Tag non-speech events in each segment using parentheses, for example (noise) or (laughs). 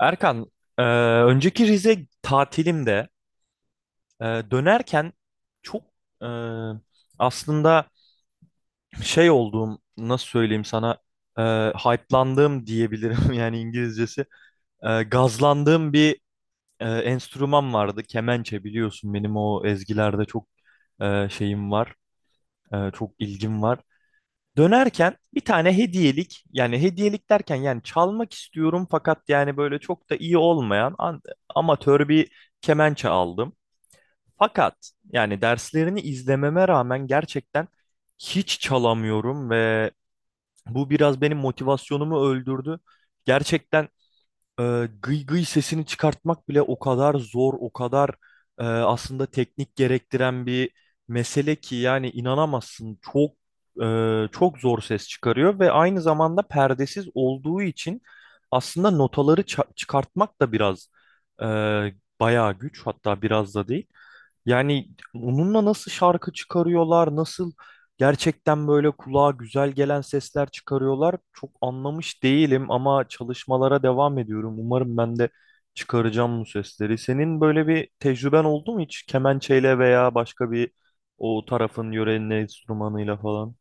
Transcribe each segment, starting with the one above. Erkan, e, önceki Rize tatilimde e, dönerken çok e, aslında şey olduğum, nasıl söyleyeyim sana, e, hype'landığım diyebilirim (laughs) yani İngilizcesi. Gazlandığım bir enstrüman vardı, kemençe biliyorsun benim o ezgilerde çok şeyim var, çok ilgim var. Dönerken bir tane hediyelik yani hediyelik derken yani çalmak istiyorum fakat yani böyle çok da iyi olmayan amatör bir kemençe aldım. Fakat yani derslerini izlememe rağmen gerçekten hiç çalamıyorum ve bu biraz benim motivasyonumu öldürdü. Gerçekten gıy gıy sesini çıkartmak bile o kadar zor, o kadar aslında teknik gerektiren bir mesele ki yani inanamazsın. Çok zor ses çıkarıyor ve aynı zamanda perdesiz olduğu için aslında notaları çıkartmak da biraz e, bayağı güç hatta biraz da değil. Yani onunla nasıl şarkı çıkarıyorlar, nasıl gerçekten böyle kulağa güzel gelen sesler çıkarıyorlar çok anlamış değilim ama çalışmalara devam ediyorum. Umarım ben de çıkaracağım bu sesleri. Senin böyle bir tecrüben oldu mu hiç kemençeyle veya başka bir o tarafın yörenin enstrümanıyla falan?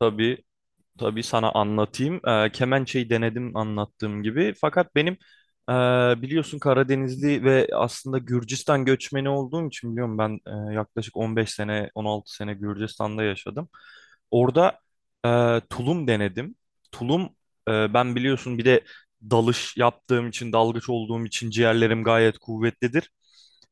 Tabii Tabii, sana anlatayım. Kemençeyi denedim anlattığım gibi. Fakat benim biliyorsun Karadenizli ve aslında Gürcistan göçmeni olduğum için biliyorum ben yaklaşık 15 sene 16 sene Gürcistan'da yaşadım. Orada tulum denedim. Tulum ben biliyorsun bir de dalış yaptığım için dalgıç olduğum için ciğerlerim gayet kuvvetlidir.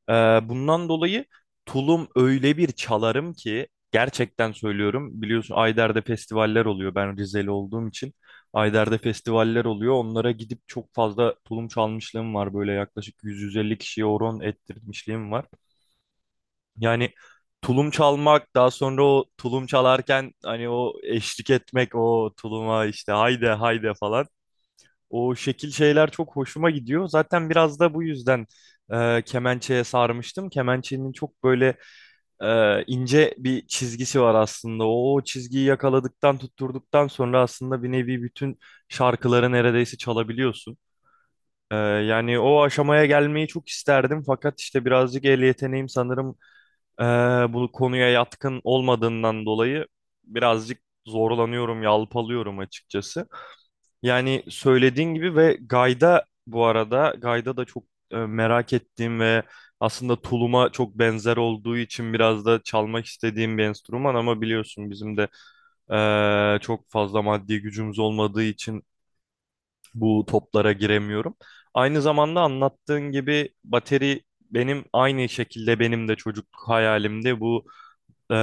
Ee, Bundan dolayı tulum öyle bir çalarım ki gerçekten söylüyorum. Biliyorsun Ayder'de festivaller oluyor. Ben Rizeli olduğum için Ayder'de festivaller oluyor. Onlara gidip çok fazla tulum çalmışlığım var. Böyle yaklaşık 100-150 kişiye horon ettirmişliğim var. Yani tulum çalmak daha sonra o tulum çalarken hani o eşlik etmek o tuluma işte haydi haydi falan. O şekil şeyler çok hoşuma gidiyor. Zaten biraz da bu yüzden kemençeye sarmıştım. Kemençenin çok böyle ince bir çizgisi var aslında. O çizgiyi yakaladıktan, tutturduktan sonra aslında bir nevi bütün şarkıları neredeyse çalabiliyorsun. Yani o aşamaya gelmeyi çok isterdim. Fakat işte birazcık el yeteneğim sanırım e, bu konuya yatkın olmadığından dolayı birazcık zorlanıyorum, yalpalıyorum açıkçası. Yani söylediğin gibi ve Gayda bu arada Gayda da çok merak ettiğim ve aslında tuluma çok benzer olduğu için biraz da çalmak istediğim bir enstrüman ama biliyorsun bizim de çok fazla maddi gücümüz olmadığı için bu toplara giremiyorum. Aynı zamanda anlattığın gibi bateri benim aynı şekilde benim de çocukluk hayalimdi. Bu e,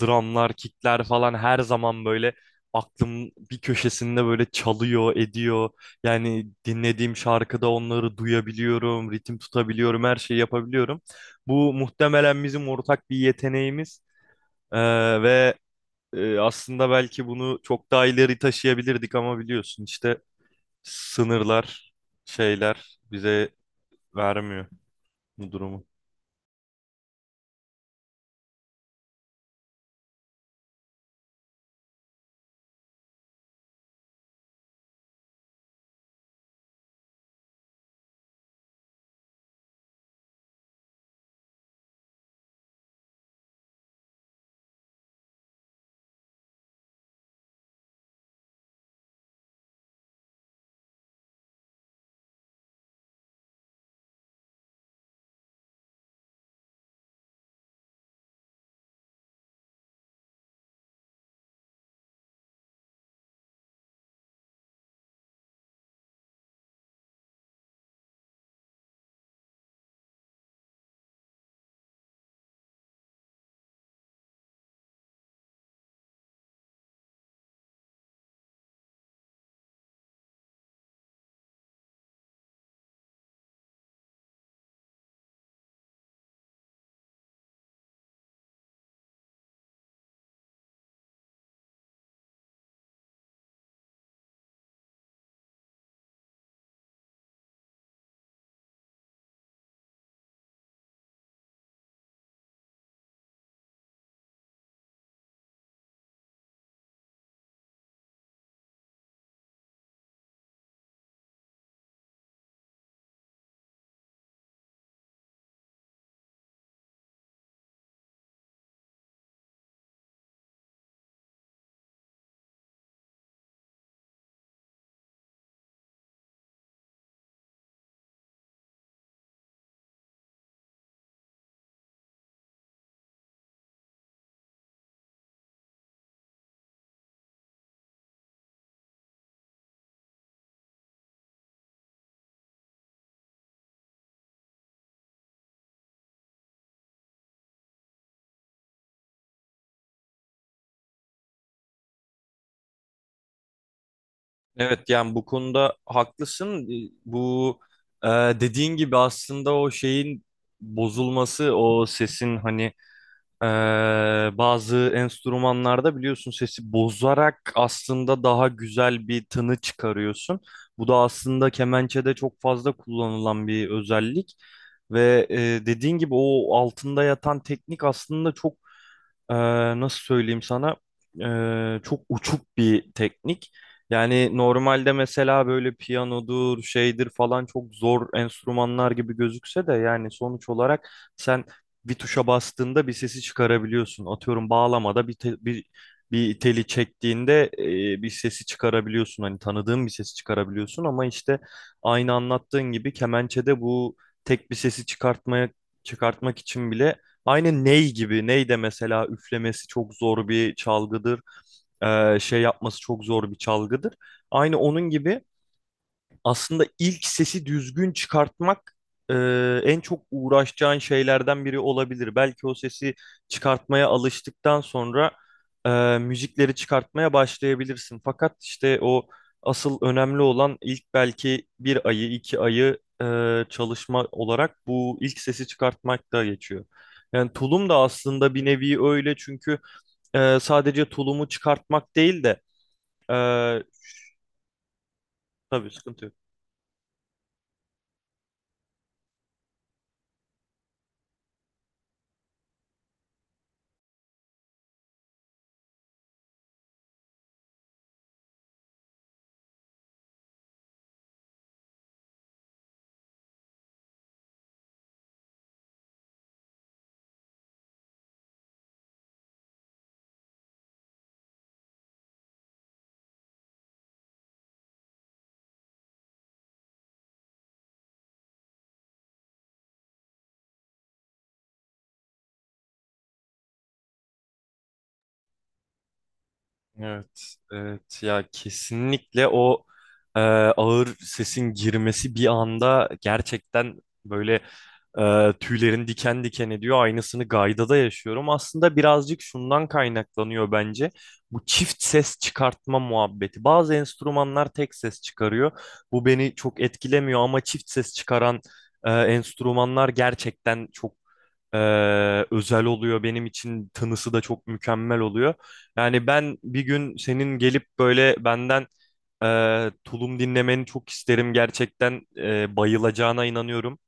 drumlar, kickler falan her zaman böyle aklım bir köşesinde böyle çalıyor, ediyor. Yani dinlediğim şarkıda onları duyabiliyorum, ritim tutabiliyorum, her şeyi yapabiliyorum. Bu muhtemelen bizim ortak bir yeteneğimiz. E, ve aslında belki bunu çok daha ileri taşıyabilirdik ama biliyorsun işte sınırlar, şeyler bize vermiyor bu durumu. Evet, yani bu konuda haklısın. Bu e, dediğin gibi aslında o şeyin bozulması, o sesin hani e, bazı enstrümanlarda biliyorsun sesi bozarak aslında daha güzel bir tını çıkarıyorsun. Bu da aslında kemençede çok fazla kullanılan bir özellik. Ve dediğin gibi o altında yatan teknik aslında çok ee, nasıl söyleyeyim sana? Çok uçuk bir teknik. Yani normalde mesela böyle piyanodur, şeydir falan çok zor enstrümanlar gibi gözükse de yani sonuç olarak sen bir tuşa bastığında bir sesi çıkarabiliyorsun. Atıyorum bağlamada bir teli çektiğinde bir sesi çıkarabiliyorsun. Hani tanıdığın bir sesi çıkarabiliyorsun ama işte aynı anlattığın gibi kemençede bu tek bir sesi çıkartmak için bile aynı ney gibi. Ney de mesela üflemesi çok zor bir çalgıdır. Şey yapması çok zor bir çalgıdır. Aynı onun gibi aslında ilk sesi düzgün çıkartmak e, en çok uğraşacağın şeylerden biri olabilir. Belki o sesi çıkartmaya alıştıktan sonra müzikleri çıkartmaya başlayabilirsin. Fakat işte o asıl önemli olan ilk belki bir ayı, iki ayı çalışma olarak bu ilk sesi çıkartmak da geçiyor. Yani tulum da aslında bir nevi öyle çünkü sadece tulumu çıkartmak değil de e, tabii sıkıntı yok. Evet, evet ya kesinlikle o ağır sesin girmesi bir anda gerçekten böyle tüylerin diken diken ediyor. Aynısını Gayda'da yaşıyorum. Aslında birazcık şundan kaynaklanıyor bence. Bu çift ses çıkartma muhabbeti. Bazı enstrümanlar tek ses çıkarıyor. Bu beni çok etkilemiyor ama çift ses çıkaran enstrümanlar gerçekten çok e, özel oluyor. Benim için tınısı da çok mükemmel oluyor. Yani ben bir gün senin gelip böyle benden tulum dinlemeni çok isterim. Gerçekten bayılacağına inanıyorum.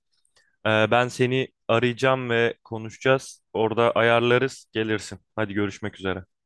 Ben seni arayacağım ve konuşacağız. Orada ayarlarız, gelirsin. Hadi görüşmek üzere.